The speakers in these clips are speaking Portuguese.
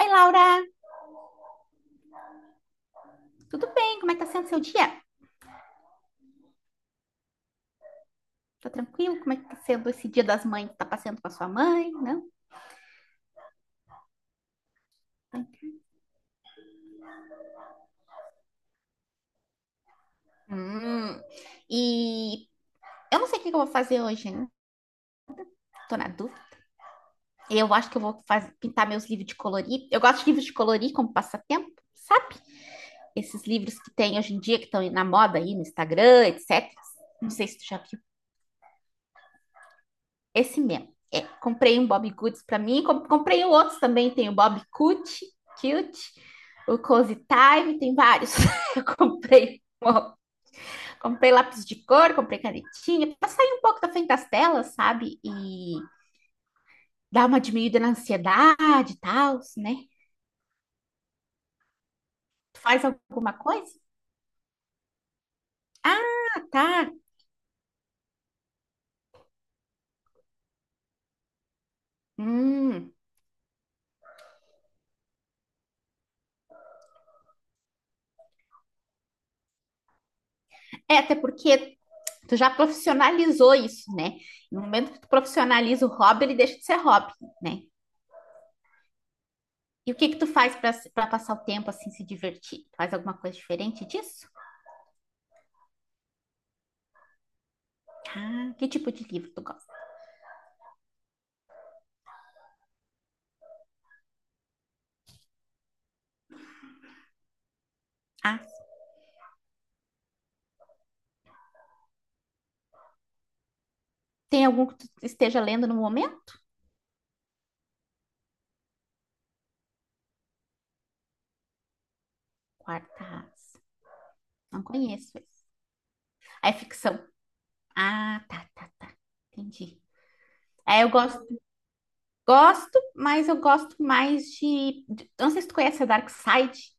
Oi, Laura, tudo bem? Como é que tá sendo seu dia? Tá tranquilo? Como é que tá sendo esse Dia das Mães? Tá passando com a sua mãe, não? Hum. E eu não sei o que que eu vou fazer hoje, né? Tô na dúvida. Eu acho que eu vou pintar meus livros de colorir. Eu gosto de livros de colorir como passatempo, sabe? Esses livros que tem hoje em dia, que estão na moda aí no Instagram, etc. Não sei se tu já viu. Esse mesmo. É, comprei um Bob Goods para mim, comprei outros também, tem o Bob Cute, Cute, o Cozy Time, tem vários. Eu comprei, ó, comprei lápis de cor, comprei canetinha, para sair um pouco da frente das telas, sabe? E dar uma diminuída na ansiedade e tal, né? Tu faz alguma coisa? Ah, tá. Hum. É, até porque tu já profissionalizou isso, né? No momento que tu profissionaliza o hobby, ele deixa de ser hobby, né? E o que que tu faz para passar o tempo assim, se divertir? Faz alguma coisa diferente disso? Ah, que tipo de livro tu gosta? Ah, tem algum que tu esteja lendo no momento? Quarta. Não conheço esse. Ah, é ficção. Ah, tá, tá, tá. Entendi. É, eu gosto, mas eu gosto mais não sei se tu conhece a Dark Side.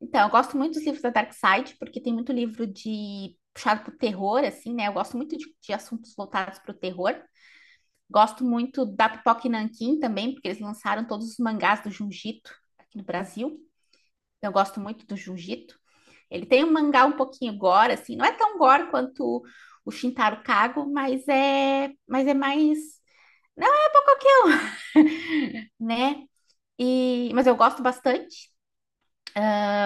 Então, eu gosto muito dos livros da Dark Side, porque tem muito livro de puxado pro terror, assim, né? Eu gosto muito de assuntos voltados para o terror. Gosto muito da Pipoca e Nanquim também, porque eles lançaram todos os mangás do Junjito aqui no Brasil. Então, eu gosto muito do Junjito. Ele tem um mangá um pouquinho gore, assim, não é tão gore quanto o Shintaro Kago, mas é mais, não é pra qualquer um, né? E, mas eu gosto bastante.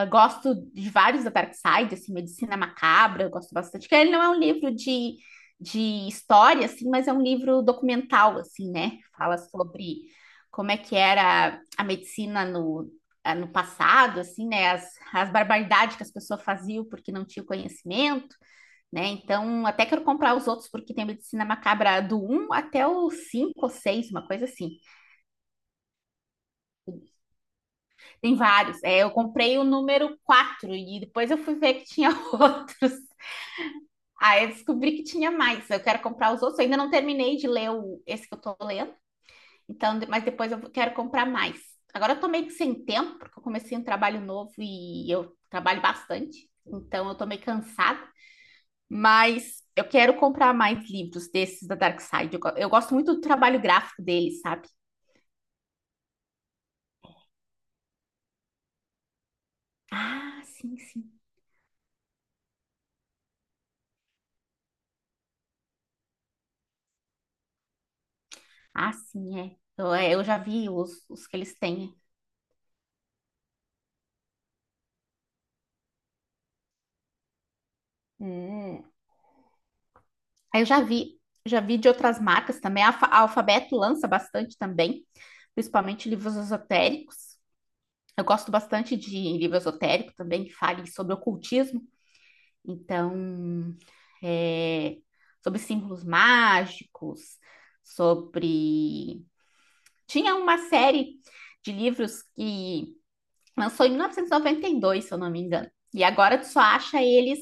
Eu gosto de vários da Dark Side, assim, Medicina Macabra, eu gosto bastante. Que ele não é um livro de história, assim, mas é um livro documental, assim, né? Fala sobre como é que era a medicina no, no passado, assim, né? As barbaridades que as pessoas faziam porque não tinham conhecimento, né? Então, até quero comprar os outros porque tem Medicina Macabra do um até o 5 ou seis, uma coisa assim. Tem vários. É, eu comprei o número 4 e depois eu fui ver que tinha outros. Aí eu descobri que tinha mais. Eu quero comprar os outros. Eu ainda não terminei de ler o, esse que eu tô lendo. Então, mas depois eu quero comprar mais. Agora eu tô meio que sem tempo, porque eu comecei um trabalho novo e eu trabalho bastante. Então eu tô meio cansada. Mas eu quero comprar mais livros desses da Dark Side. Eu gosto muito do trabalho gráfico deles, sabe? Ah, sim, sim. Ah, sim, é. Eu já vi os que eles têm. Hum. Aí eu já vi de outras marcas também. A, a Alfabeto lança bastante também, principalmente livros esotéricos. Eu gosto bastante de livro esotérico também, que fale sobre ocultismo, então, é, sobre símbolos mágicos, sobre. Tinha uma série de livros que lançou em 1992, se eu não me engano. E agora tu só acha eles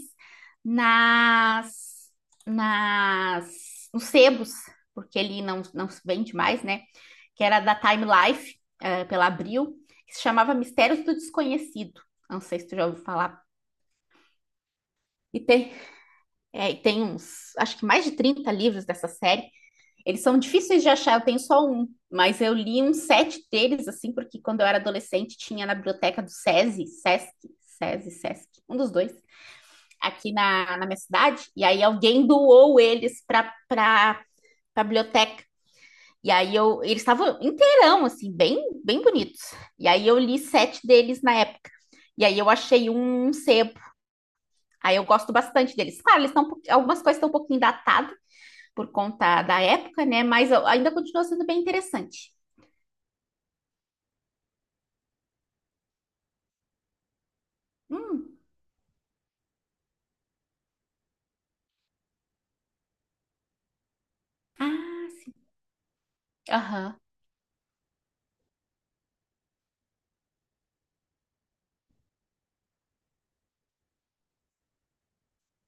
nas, nos sebos, porque ele não se vende mais, né? Que era da Time Life, pela Abril, que se chamava Mistérios do Desconhecido. Não sei se tu já ouviu falar. E tem, e tem uns, acho que mais de 30 livros dessa série. Eles são difíceis de achar, eu tenho só um, mas eu li uns sete deles, assim, porque quando eu era adolescente tinha na biblioteca do SESI, SESC, SESI, SESC, um dos dois, aqui na, minha cidade, e aí alguém doou eles para a biblioteca. E aí eu, eles estavam inteirão, assim, bem, bem bonitos. E aí eu li sete deles na época. E aí eu achei um sebo. Aí eu gosto bastante deles. Claro, eles estão algumas coisas estão um pouquinho datadas por conta da época, né? Mas ainda continua sendo bem interessante. Hum. Ah, sim. Aham.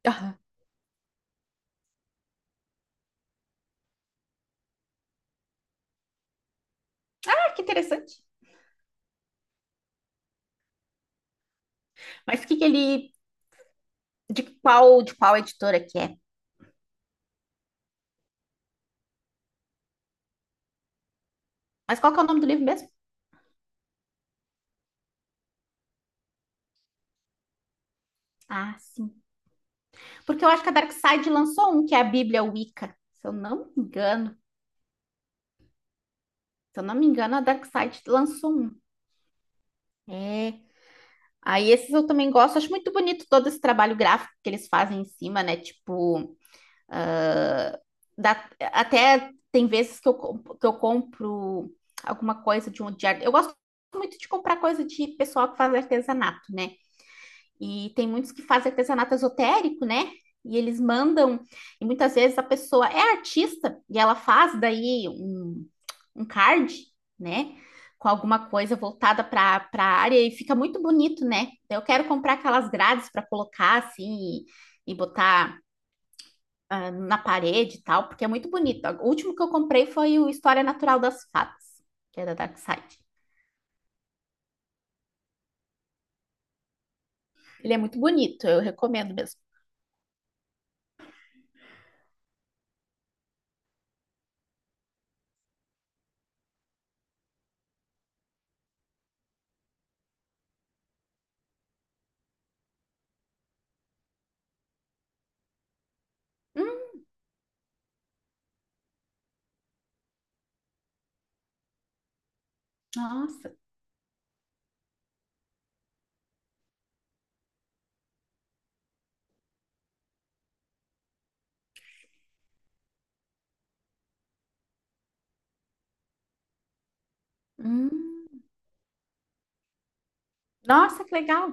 Aham. Ah, que interessante. Mas que ele de qual editora que é? Mas qual que é o nome do livro mesmo? Ah, sim. Porque eu acho que a Dark Side lançou um que é a Bíblia Wicca, se eu não me engano. Se eu não me engano, a Dark Side lançou um. É. Aí esses eu também gosto, acho muito bonito todo esse trabalho gráfico que eles fazem em cima, né? Tipo, ah, até tem vezes que eu, que eu compro alguma coisa de um de. Eu gosto muito de comprar coisa de pessoal que faz artesanato, né? E tem muitos que fazem artesanato esotérico, né? E eles mandam, e muitas vezes a pessoa é artista e ela faz daí um, um card, né? Com alguma coisa voltada para a área e fica muito bonito, né? Eu quero comprar aquelas grades para colocar assim e botar ah, na parede e tal, porque é muito bonito. O último que eu comprei foi o História Natural das Fadas, que é da Dark Side. Ele é muito bonito, eu recomendo mesmo. Hum, nossa, hum, nossa, que legal.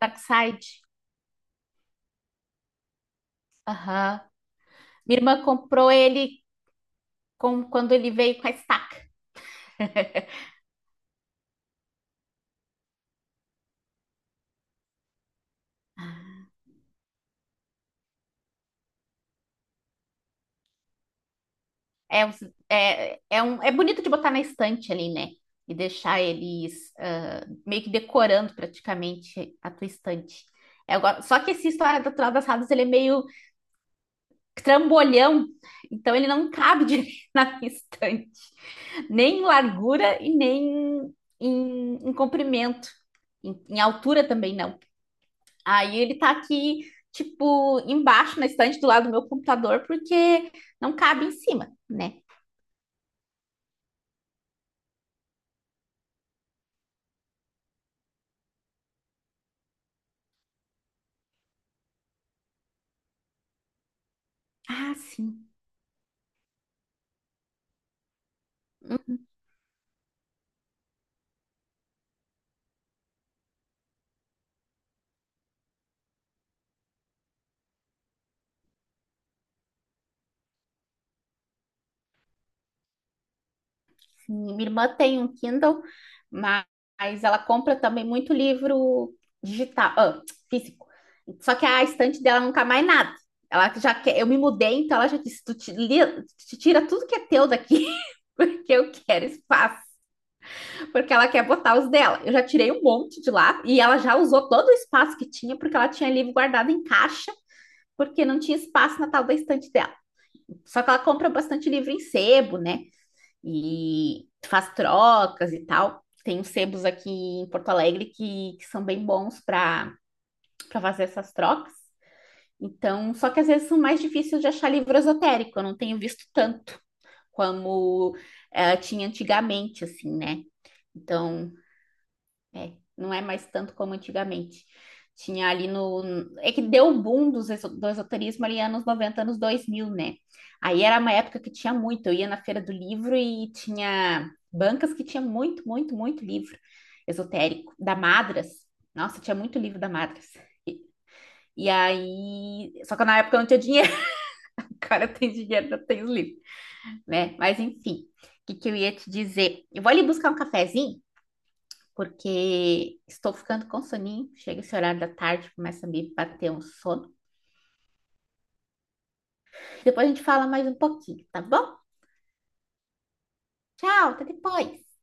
Dark Side. Aham. Minha irmã comprou ele quando ele veio com a estaca. É, os- é bonito de botar na estante ali, né? E deixar eles ah, meio que decorando praticamente a tua estante. Só que esse História Natural das Fadas, ele é meio trambolhão, então ele não cabe direito na minha estante, nem em largura e nem em comprimento, em altura também não. Aí ele tá aqui, tipo, embaixo na estante do lado do meu computador, porque não cabe em cima, né? Ah, sim. Minha irmã tem um Kindle, mas ela compra também muito livro digital, físico. Só que a estante dela nunca mais nada. Ela já quer, eu me mudei, então ela já disse: tu, tu tira tudo que é teu daqui, porque eu quero espaço, porque ela quer botar os dela. Eu já tirei um monte de lá e ela já usou todo o espaço que tinha, porque ela tinha livro guardado em caixa, porque não tinha espaço na tal da estante dela. Só que ela compra bastante livro em sebo, né? E faz trocas e tal. Tem uns sebos aqui em Porto Alegre que são bem bons para fazer essas trocas. Então, só que às vezes são mais difíceis de achar livro esotérico. Eu não tenho visto tanto como tinha antigamente, assim, né? Então, não é mais tanto como antigamente. Tinha ali no. É que deu o boom dos do esoterismo ali anos 90, anos 2000, né? Aí era uma época que tinha muito. Eu ia na Feira do Livro e tinha bancas que tinha muito, muito, muito livro esotérico. Da Madras. Nossa, tinha muito livro da Madras. E aí. Só que na época eu não tinha dinheiro. Agora eu tenho dinheiro, não tem os livros, né? Mas enfim, o que que eu ia te dizer? Eu vou ali buscar um cafezinho porque estou ficando com soninho. Chega esse horário da tarde, começa a me bater um sono. Depois a gente fala mais um pouquinho, tá bom? Tchau, até depois.